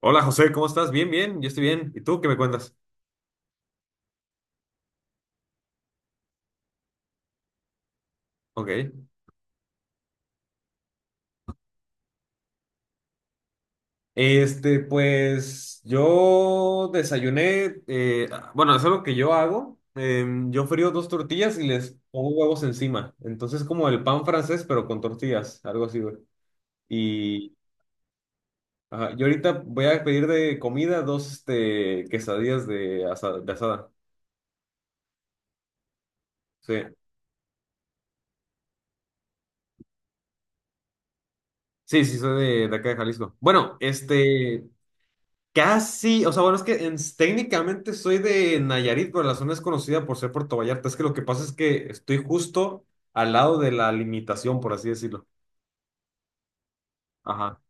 Hola José, ¿cómo estás? Bien, bien, yo estoy bien. ¿Y tú qué me cuentas? Ok. Pues yo desayuné, bueno, es algo que yo hago. Yo frío dos tortillas y les pongo huevos encima. Entonces, como el pan francés, pero con tortillas, algo así, güey. Y ajá, yo ahorita voy a pedir de comida dos, quesadillas de asada, de asada. Sí, sí, sí, soy de acá de Jalisco. Bueno, casi, o sea, bueno, es que técnicamente soy de Nayarit, pero la zona es conocida por ser Puerto Vallarta. Es que lo que pasa es que estoy justo al lado de la limitación, por así decirlo. Ajá.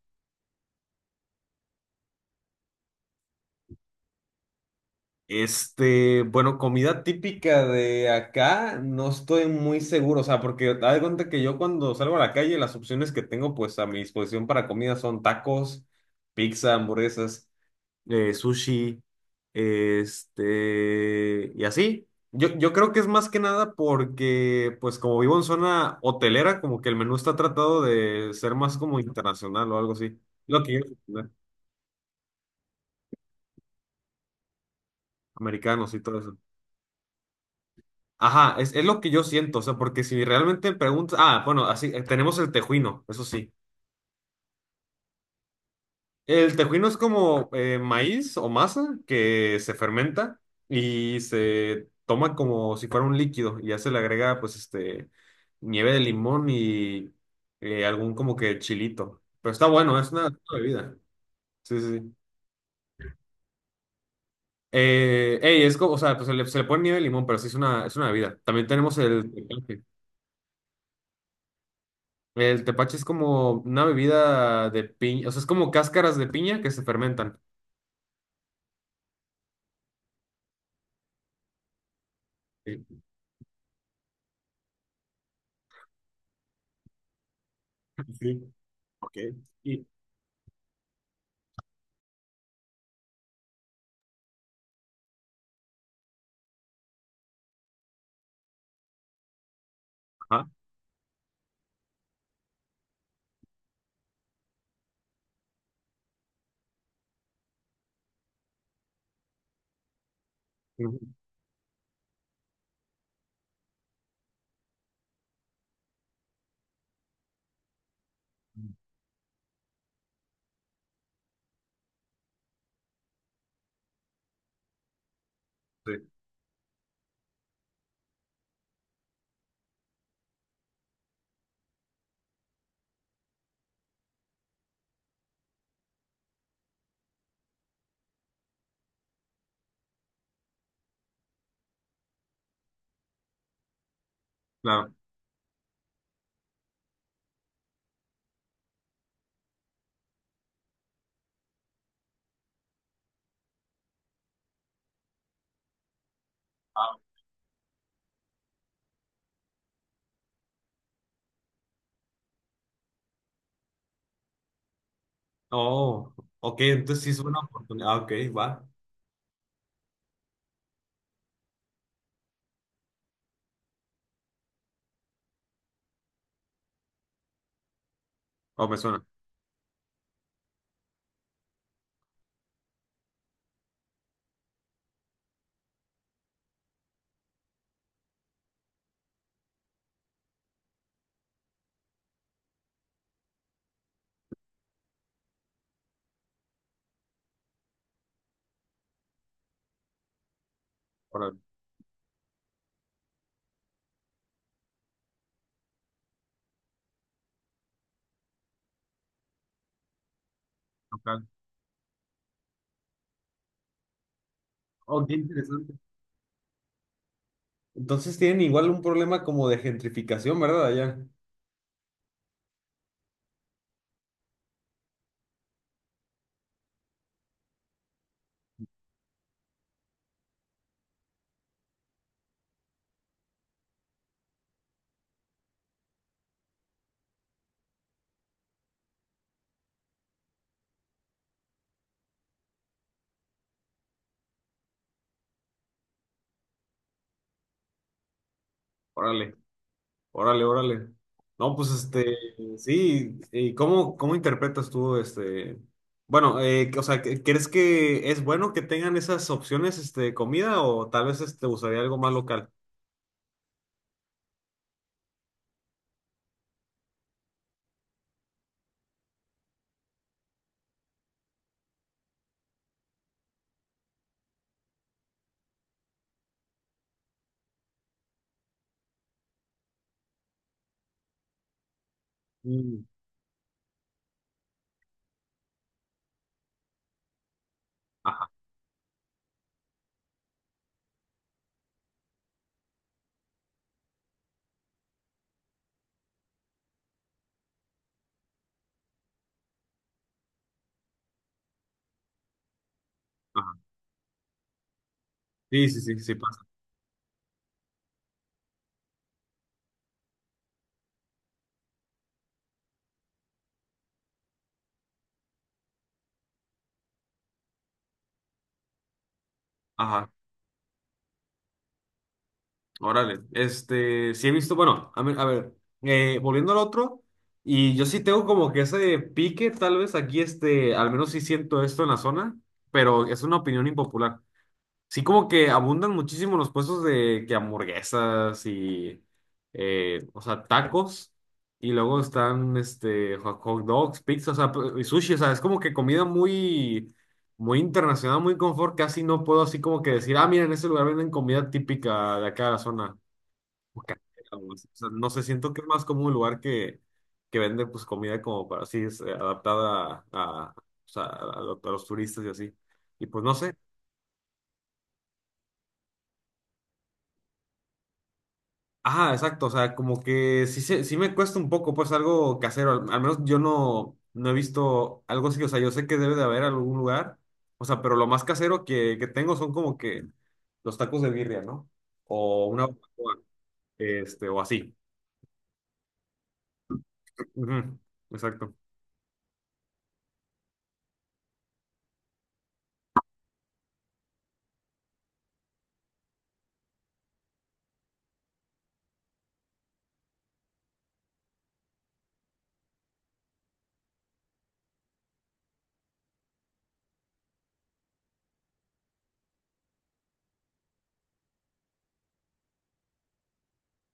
Bueno, comida típica de acá, no estoy muy seguro, o sea, porque haz de cuenta que yo cuando salgo a la calle, las opciones que tengo pues a mi disposición para comida son tacos, pizza, hamburguesas. Sushi, y así. Yo creo que es más que nada porque, pues como vivo en zona hotelera, como que el menú está tratado de ser más como internacional o algo así. Lo que yo, Americanos y todo eso. Ajá, es lo que yo siento, o sea, porque si realmente preguntas, ah, bueno, así, tenemos el tejuino, eso sí. El tejuino es como maíz o masa que se fermenta y se toma como si fuera un líquido y ya se le agrega pues nieve de limón y algún como que chilito. Pero está bueno, es una bebida. Sí, sí, sí. Ey, es como, o sea, pues se le pone nieve de limón, pero sí es una bebida. También tenemos el tepache. El tepache es como una bebida de piña, o sea, es como cáscaras de piña que se fermentan. Sí. Sí. Ok. Y, ajá. Ujú. Sí. Claro. Ah, oh, ok, entonces sí es una oportunidad. Ah, ok, va. Oh, me suena. Órale, ok. Oh, qué interesante. Entonces tienen igual un problema como de gentrificación, ¿verdad? Allá. Órale, órale, órale. No, pues sí. ¿Y cómo interpretas tú? Bueno, o sea, ¿crees que es bueno que tengan esas opciones de comida o tal vez te gustaría algo más local? Mm, ajá, ajá. Sí, sí, sí, sí pasa. Ajá. Órale, sí he visto, bueno, a ver, volviendo al otro, y yo sí tengo como que ese pique, tal vez aquí, al menos sí siento esto en la zona, pero es una opinión impopular. Sí como que abundan muchísimo los puestos de que hamburguesas y, o sea, tacos, y luego están, hot dogs, pizza, o sea, y sushi, o sea, es como que comida muy, muy internacional, muy confort, casi no puedo así como que decir, ah, mira, en ese lugar venden comida típica de acá de la zona. Bucaneros. O sea, no sé, siento que es más como un lugar que vende pues comida como para así, adaptada o sea, a los turistas y así. Y pues no sé. Ah, exacto, o sea, como que sí, sí me cuesta un poco, pues algo casero. Al menos yo no he visto algo así, o sea, yo sé que debe de haber algún lugar, o sea, pero lo más casero que tengo son como que los tacos de birria, ¿no? O una barbacoa, o así. Ujú. Exacto.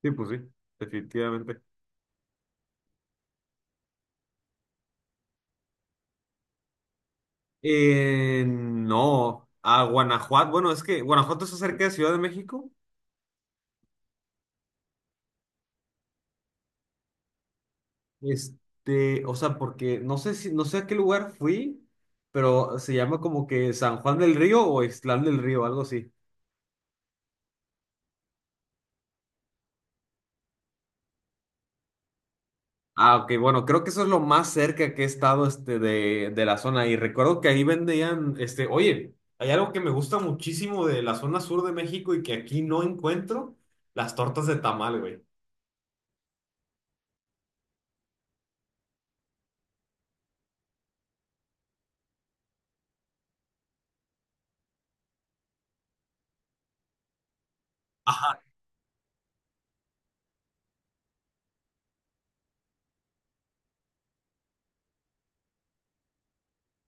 Sí, pues sí, definitivamente. No, a Guanajuato. Bueno, es que Guanajuato está cerca de Ciudad de México. O sea, porque no sé si, no sé a qué lugar fui, pero se llama como que San Juan del Río o Ixtlán del Río, algo así. Ah, ok, bueno, creo que eso es lo más cerca que he estado de la zona. Y recuerdo que ahí vendían, oye, hay algo que me gusta muchísimo de la zona sur de México y que aquí no encuentro, las tortas de tamal, güey. Ajá.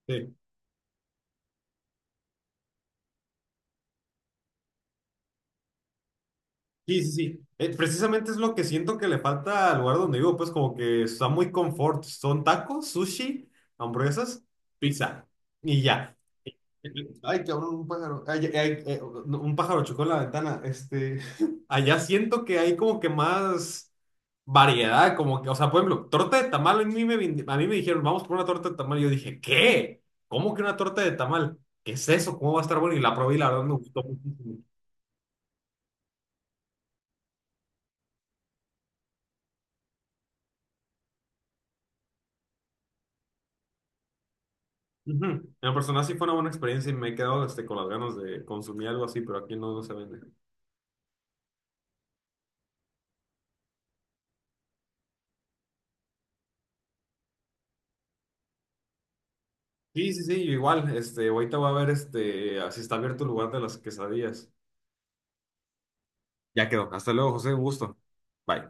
Sí. Sí, sí, sí. Precisamente es lo que siento que le falta al lugar donde vivo, pues como que está muy confort. Son tacos, sushi, hamburguesas, pizza. Y ya. Ay, cabrón, un pájaro. Ay, ay, ay, no, un pájaro chocó en la ventana. Allá siento que hay como que más variedad, como que, o sea, por ejemplo, torta de tamal, a mí me dijeron, vamos por una torta de tamal. Y yo dije, ¿qué? ¿Cómo que una torta de tamal? ¿Qué es eso? ¿Cómo va a estar bueno? Y la probé y la verdad me gustó muchísimo. Ujú. En lo personal sí fue una buena experiencia y me he quedado con las ganas de consumir algo así, pero aquí no se vende. Sí, sí, sí, yo igual, ahorita voy a ver si está abierto el lugar de las quesadillas. Ya quedó. Hasta luego, José, un gusto. Bye.